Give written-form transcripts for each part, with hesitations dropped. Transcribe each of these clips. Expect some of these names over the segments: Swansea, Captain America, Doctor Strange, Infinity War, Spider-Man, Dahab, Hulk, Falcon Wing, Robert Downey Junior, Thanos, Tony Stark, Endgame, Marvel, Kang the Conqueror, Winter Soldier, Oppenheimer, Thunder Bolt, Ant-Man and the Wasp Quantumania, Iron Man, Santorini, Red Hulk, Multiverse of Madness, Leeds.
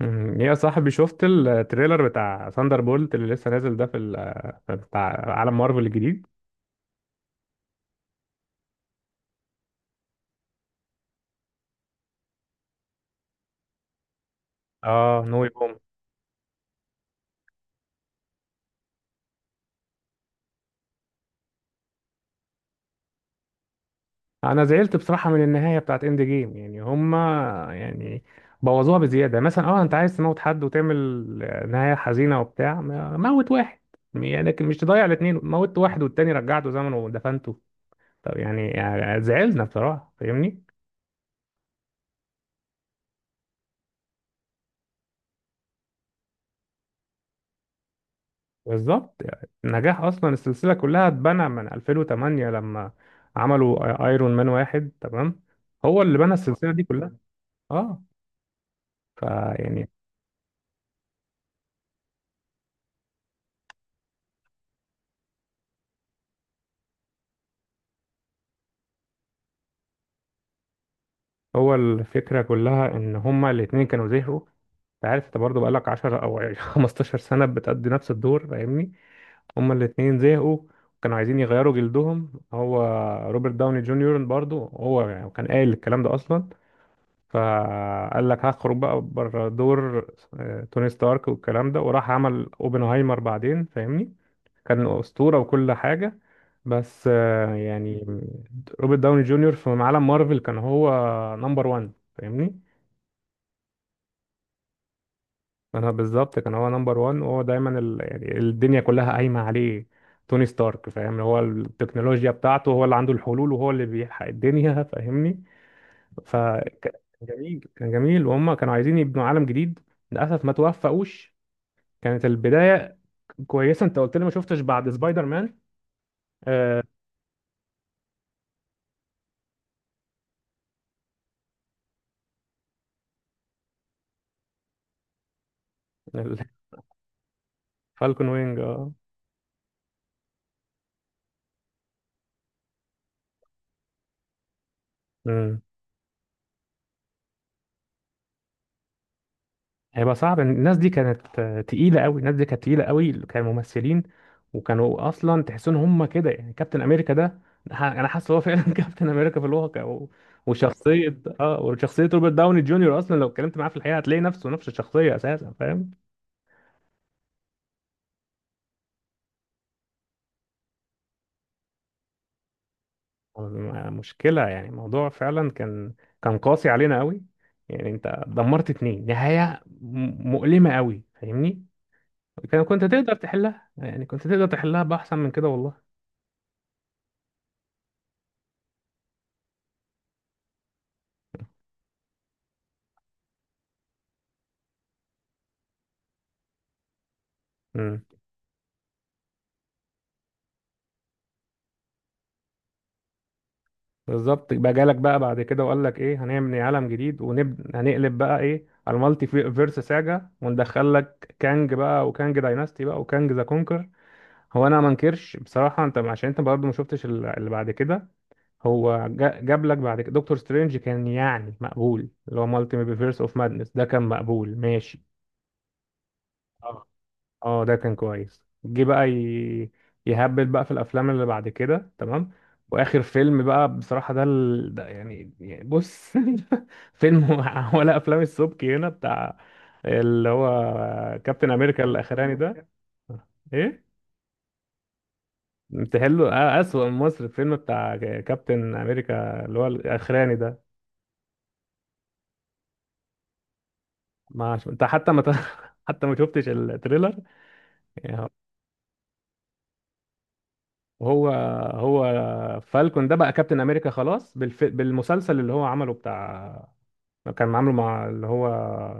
مم. يا صاحبي شفت التريلر بتاع ثاندر بولت اللي لسه نازل ده بتاع عالم مارفل الجديد. اه، نو واي هوم. انا زعلت بصراحه من النهايه بتاعت اند جيم. يعني هما، يعني بوظوها بزياده. مثلا اه، انت عايز تموت حد وتعمل نهايه حزينه وبتاع، موت واحد يعني، لكن مش تضيع الاثنين، موت واحد والتاني رجعته زمنه ودفنته. طب يعني، زعلنا بصراحه، فاهمني. بالظبط، يعني نجاح اصلا السلسله كلها اتبنى من 2008 لما عملوا ايرون مان واحد، تمام. هو اللي بنى السلسله دي كلها. اه. فيعني هو الفكره كلها ان هما الاتنين كانوا زهقوا. انت عارف انت برضه بقالك 10 او 15 سنه بتأدي نفس الدور، فاهمني. هما الاتنين زهقوا، كانوا عايزين يغيروا جلدهم. هو روبرت داوني جونيور برضه هو يعني كان قايل الكلام ده اصلا، فقال لك هخرج بقى بره دور توني ستارك والكلام ده، وراح عمل اوبنهايمر بعدين، فاهمني. كان أسطورة وكل حاجة، بس يعني روبرت داوني جونيور في عالم مارفل كان هو نمبر 1، فاهمني. انا بالظبط كان هو نمبر 1، وهو دايما يعني الدنيا كلها قايمة عليه. توني ستارك، فاهم، هو التكنولوجيا بتاعته، هو اللي عنده الحلول وهو اللي بيلحق الدنيا، فاهمني. فكان جميل، كان جميل، وهم كانوا عايزين يبنوا عالم جديد. للاسف ما توفقوش. كانت البدايه كويسه. انت قلت لي ما شفتش بعد سبايدر مان. آه. فالكون وينج، اه. مم. هيبقى صعب. الناس دي كانت تقيله قوي. الناس دي كانت تقيله قوي، كانوا ممثلين، وكانوا اصلا تحس ان هم كده. يعني كابتن امريكا ده، انا حاسس هو فعلا كابتن امريكا في الواقع. وشخصيه، وشخصيه روبرت داوني جونيور، اصلا لو اتكلمت معاه في الحقيقه هتلاقي نفسه نفس الشخصيه اساسا، فاهم. مشكلة. يعني الموضوع فعلا كان، قاسي علينا قوي. يعني انت دمرت اتنين، نهاية مؤلمة قوي، فاهمني. كان كنت تقدر تحلها، يعني كنت تقدر تحلها بأحسن من كده والله. امم بالظبط. بقى جالك بقى بعد كده وقال لك ايه، هنعمل عالم جديد، هنقلب بقى ايه على المالتي فيرس ساجا، وندخل لك كانج بقى، وكانج دايناستي بقى، وكانج ذا كونكر. هو انا ما انكرش بصراحة، انت عشان انت برضه ما شفتش اللي بعد كده. هو جاب لك بعد كده دكتور سترينج، كان يعني مقبول، اللي هو مالتي ميفيرس اوف مادنس ده، كان مقبول ماشي. اه. اه، ده كان كويس. جه بقى يهبل بقى في الافلام اللي بعد كده، تمام. واخر فيلم بقى بصراحة ده، ده يعني، بص. فيلم ولا افلام السبكي هنا، بتاع اللي هو كابتن امريكا الاخراني ده. ايه. بتحله اسوأ من مصر الفيلم بتاع كابتن امريكا اللي هو الاخراني ده. ما عش- انت حتى ما ت- حتى ما شفتش التريلر، يعني. هو، هو فالكون ده بقى كابتن امريكا خلاص، بالمسلسل اللي هو عمله بتاع. كان عامله مع اللي هو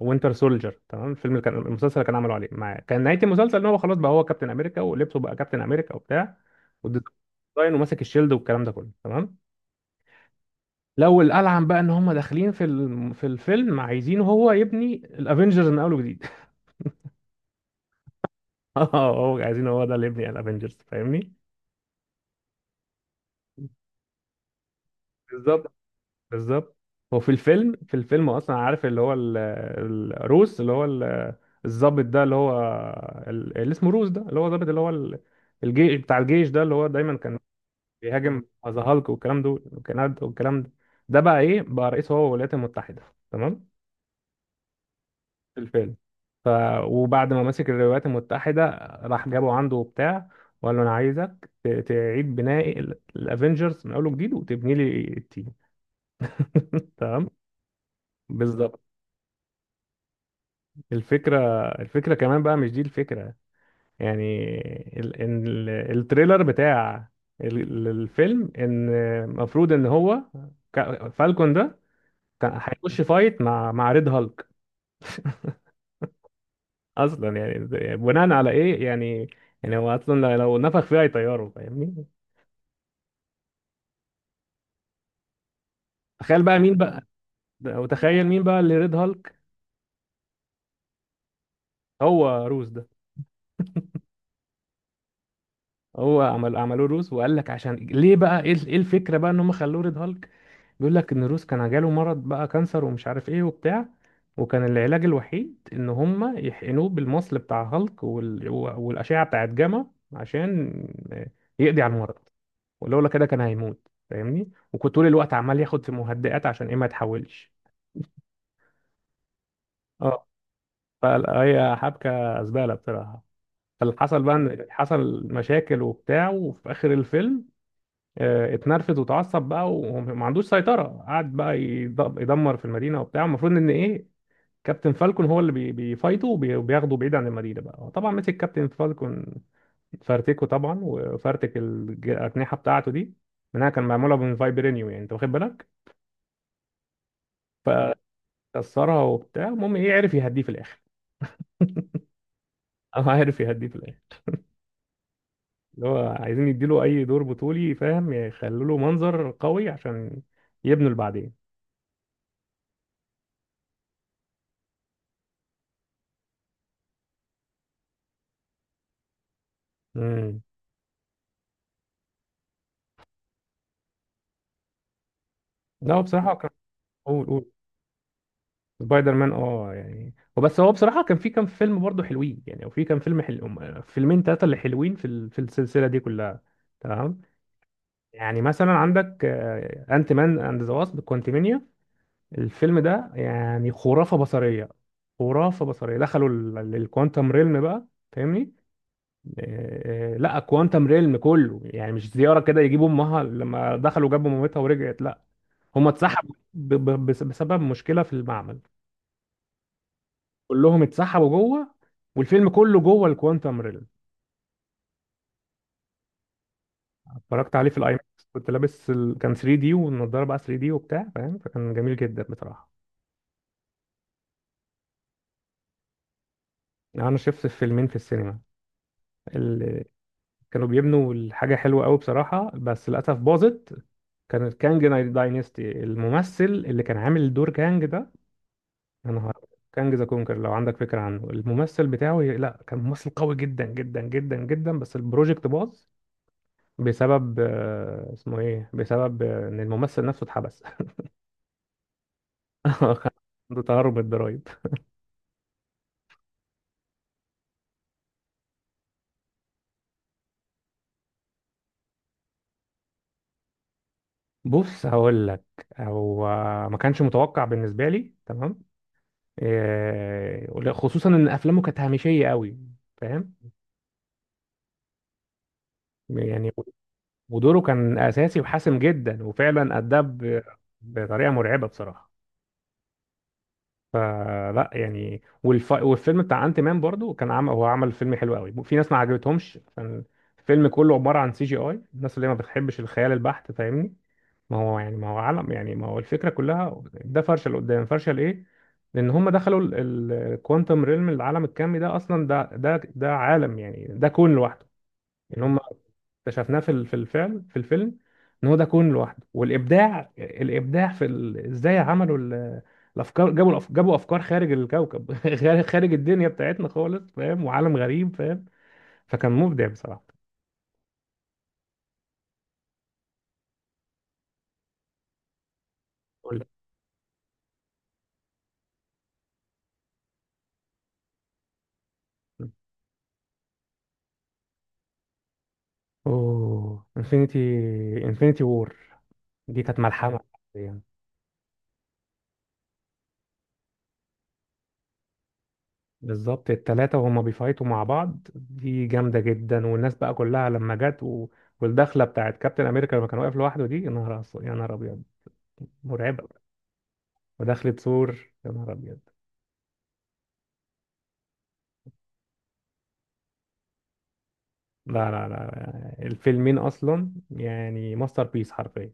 وينتر سولجر، تمام. الفيلم اللي كان، المسلسل اللي كان عامله عليه مع، كان نهاية المسلسل ان هو خلاص بقى هو كابتن امريكا، ولبسه بقى كابتن امريكا وبتاع، والديزاين وماسك الشيلد والكلام ده كله، تمام. لو الالعن بقى ان هم داخلين في الفيلم عايزين هو يبني الافنجرز من اول وجديد. اه، هو عايزين هو ده اللي يبني الافنجرز، فاهمني. بالظبط بالظبط. هو في الفيلم، اصلا عارف اللي هو الروس، اللي هو الضابط ده، اللي هو اللي اسمه روس ده، اللي هو ضابط اللي هو الجيش، بتاع الجيش ده اللي هو دايما كان بيهاجم ذا هالك والكلام دول، والكلام ده، والكلام ده، ده بقى ايه بقى؟ رئيس هو الولايات المتحدة، تمام، في الفيلم. ف وبعد ما مسك الولايات المتحدة، راح جابه عنده وبتاع، وقال له انا عايزك تعيد بناء الافينجرز من اول وجديد وتبني لي التيم، تمام. بالظبط. الفكرة الفكرة كمان بقى، مش دي الفكرة يعني. إن التريلر بتاع الفيلم، ان المفروض ان هو، فالكون ده كان هيخش فايت مع ريد هالك اصلا. يعني بناء على ايه يعني؟ يعني هو اصلا لو نفخ فيها هيطيره، فاهمني. تخيل بقى مين بقى. وتخيل مين بقى اللي ريد هالك؟ هو روس ده. هو عمل، عملوه روس، وقال لك عشان ليه بقى ايه، إيه الفكرة بقى ان هم خلوه ريد هالك؟ بيقول لك ان روس كان جاله مرض بقى، كانسر ومش عارف ايه وبتاع، وكان العلاج الوحيد ان هم يحقنوه بالمصل بتاع هالك، والاشعه بتاعت جاما، عشان يقضي على المرض. ولولا كده كان هيموت، فاهمني، وكنت طول الوقت عمال ياخد في مهدئات عشان ايه ما يتحولش. اه. فهي حبكه زباله بصراحه. فاللي حصل بقى ان حصل مشاكل وبتاع، وفي اخر الفيلم اتنرفز وتعصب بقى وما عندوش سيطره، قعد بقى يدمر في المدينه وبتاع. المفروض ان ايه، كابتن فالكون هو اللي بيفايته وبياخده بعيد عن المدينه بقى. هو طبعا مسك كابتن فالكون، فرتكه طبعا، وفرتك الاجنحه بتاعته دي، منها كان معموله من فايبرينيوم يعني، انت واخد بالك، فكسرها وبتاع. المهم ايه، عرف يهديه في الاخر. اه، عرف يهديه في الاخر. اللي هو عايزين يديله اي دور بطولي، فاهم، يخلوا له منظر قوي عشان يبنوا اللي بعدين. امم لا، هو بصراحه كان، قول قول. سبايدر مان اه، يعني وبس. هو بصراحة كان في كام فيلم برضه حلوين، يعني وفي كام فيلم حلو، فيلمين ثلاثة اللي حلوين في في السلسلة دي كلها، تمام. يعني مثلا عندك انت مان اند ذا واسب كوانتمينيا. الفيلم ده يعني خرافة بصرية. خرافة بصرية، دخلوا الكوانتم ريلم بقى، فاهمني. لا، كوانتم ريلم كله، يعني مش زيارة كده يجيبوا امها. لما دخلوا جابوا مامتها ورجعت، لا، هم اتسحبوا بسبب مشكلة في المعمل. كلهم اتسحبوا جوه، والفيلم كله جوه الكوانتم ريل. اتفرجت عليه في الاي ماكس، كنت لابس كان 3 دي والنضاره بقى 3 دي وبتاع، فاهم، فكان جميل جدا بصراحه. يعني انا شفت فيلمين في السينما اللي كانوا بيبنوا الحاجه حلوه قوي بصراحه، بس للاسف باظت. كان كانج داينستي، الممثل اللي كان عامل دور كانج ده، يا نهار أبيض. كانج ذا كونكر، لو عندك فكره عنه الممثل بتاعه، لا كان ممثل قوي جدا جدا جدا جدا، بس البروجكت باظ بسبب اسمه ايه، بسبب ان الممثل نفسه اتحبس. كان عنده تهرب من الضرايب. بص هقول لك. هو ما كانش متوقع بالنسبه لي، تمام، خصوصا ان افلامه كانت هامشيه قوي، فاهم. يعني ودوره كان اساسي وحاسم جدا، وفعلا اداه بطريقه مرعبه بصراحه. فلا يعني، والفيلم بتاع انت مان برضو، كان عمل، هو عمل فيلم حلو قوي، في ناس ما عجبتهمش عشان الفيلم كله عباره عن سي جي اي، الناس اللي ما بتحبش الخيال البحت، فاهمني. ما هو يعني ما هو عالم، يعني ما هو الفكره كلها ده فرشه لقدام، فرشه لايه؟ لان هم دخلوا الكوانتم ريلم، العالم الكمي ده اصلا ده ده ده عالم، يعني ده كون لوحده. ان هم اكتشفناه في في الفعل في الفيلم، ان هو ده كون لوحده. والابداع، الابداع في ازاي عملوا الافكار، جابوا جابوا افكار خارج الكوكب خارج، خارج الدنيا بتاعتنا خالص، فاهم، وعالم غريب، فاهم، فكان مبدع بصراحه. أقول لك. اوه، انفينيتي، انفينيتي وور، دي كانت ملحمه يعني. بالظبط، التلاتة وهما بيفايتوا مع بعض دي جامدة جدا، والناس بقى كلها لما جت والدخلة بتاعت كابتن أمريكا لما كان واقف لوحده دي، يا نهار يا نهار أبيض، مرعبة. ودخلة سور، يا نهار أبيض. لا لا لا، الفيلمين أصلا يعني ماستر بيس حرفيا.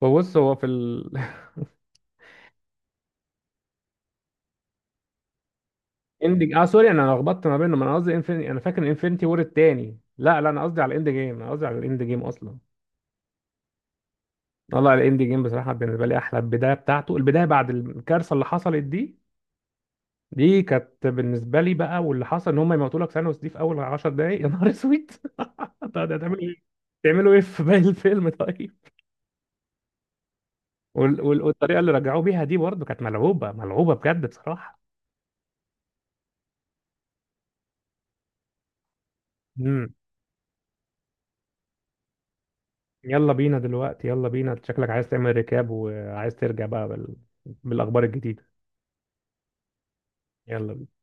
فبص، هو في ال. اندج اه سوري، انا لخبطت ما بينهم. انا قصدي انفيني، انا فاكر انفينيتي وور التاني، لا لا، انا قصدي على الاند جيم، انا قصدي على الاند جيم اصلا. والله الاند جيم بصراحه بالنسبه لي احلى، البدايه بتاعته، البدايه بعد الكارثه اللي حصلت دي، دي كانت بالنسبه لي بقى، واللي حصل ان هم يموتوا لك ثانوس دي في اول 10 دقائق، يا نهار اسود. طب ده تعملوا ايه، تعملوا ايه في باقي الفيلم طيب؟ والطريقه اللي رجعوه بيها دي برضه كانت ملعوبه، ملعوبه بجد بصراحه. امم. يلا بينا دلوقتي، يلا بينا، شكلك عايز تعمل ريكاب وعايز ترجع بقى بالاخبار الجديده. يلا.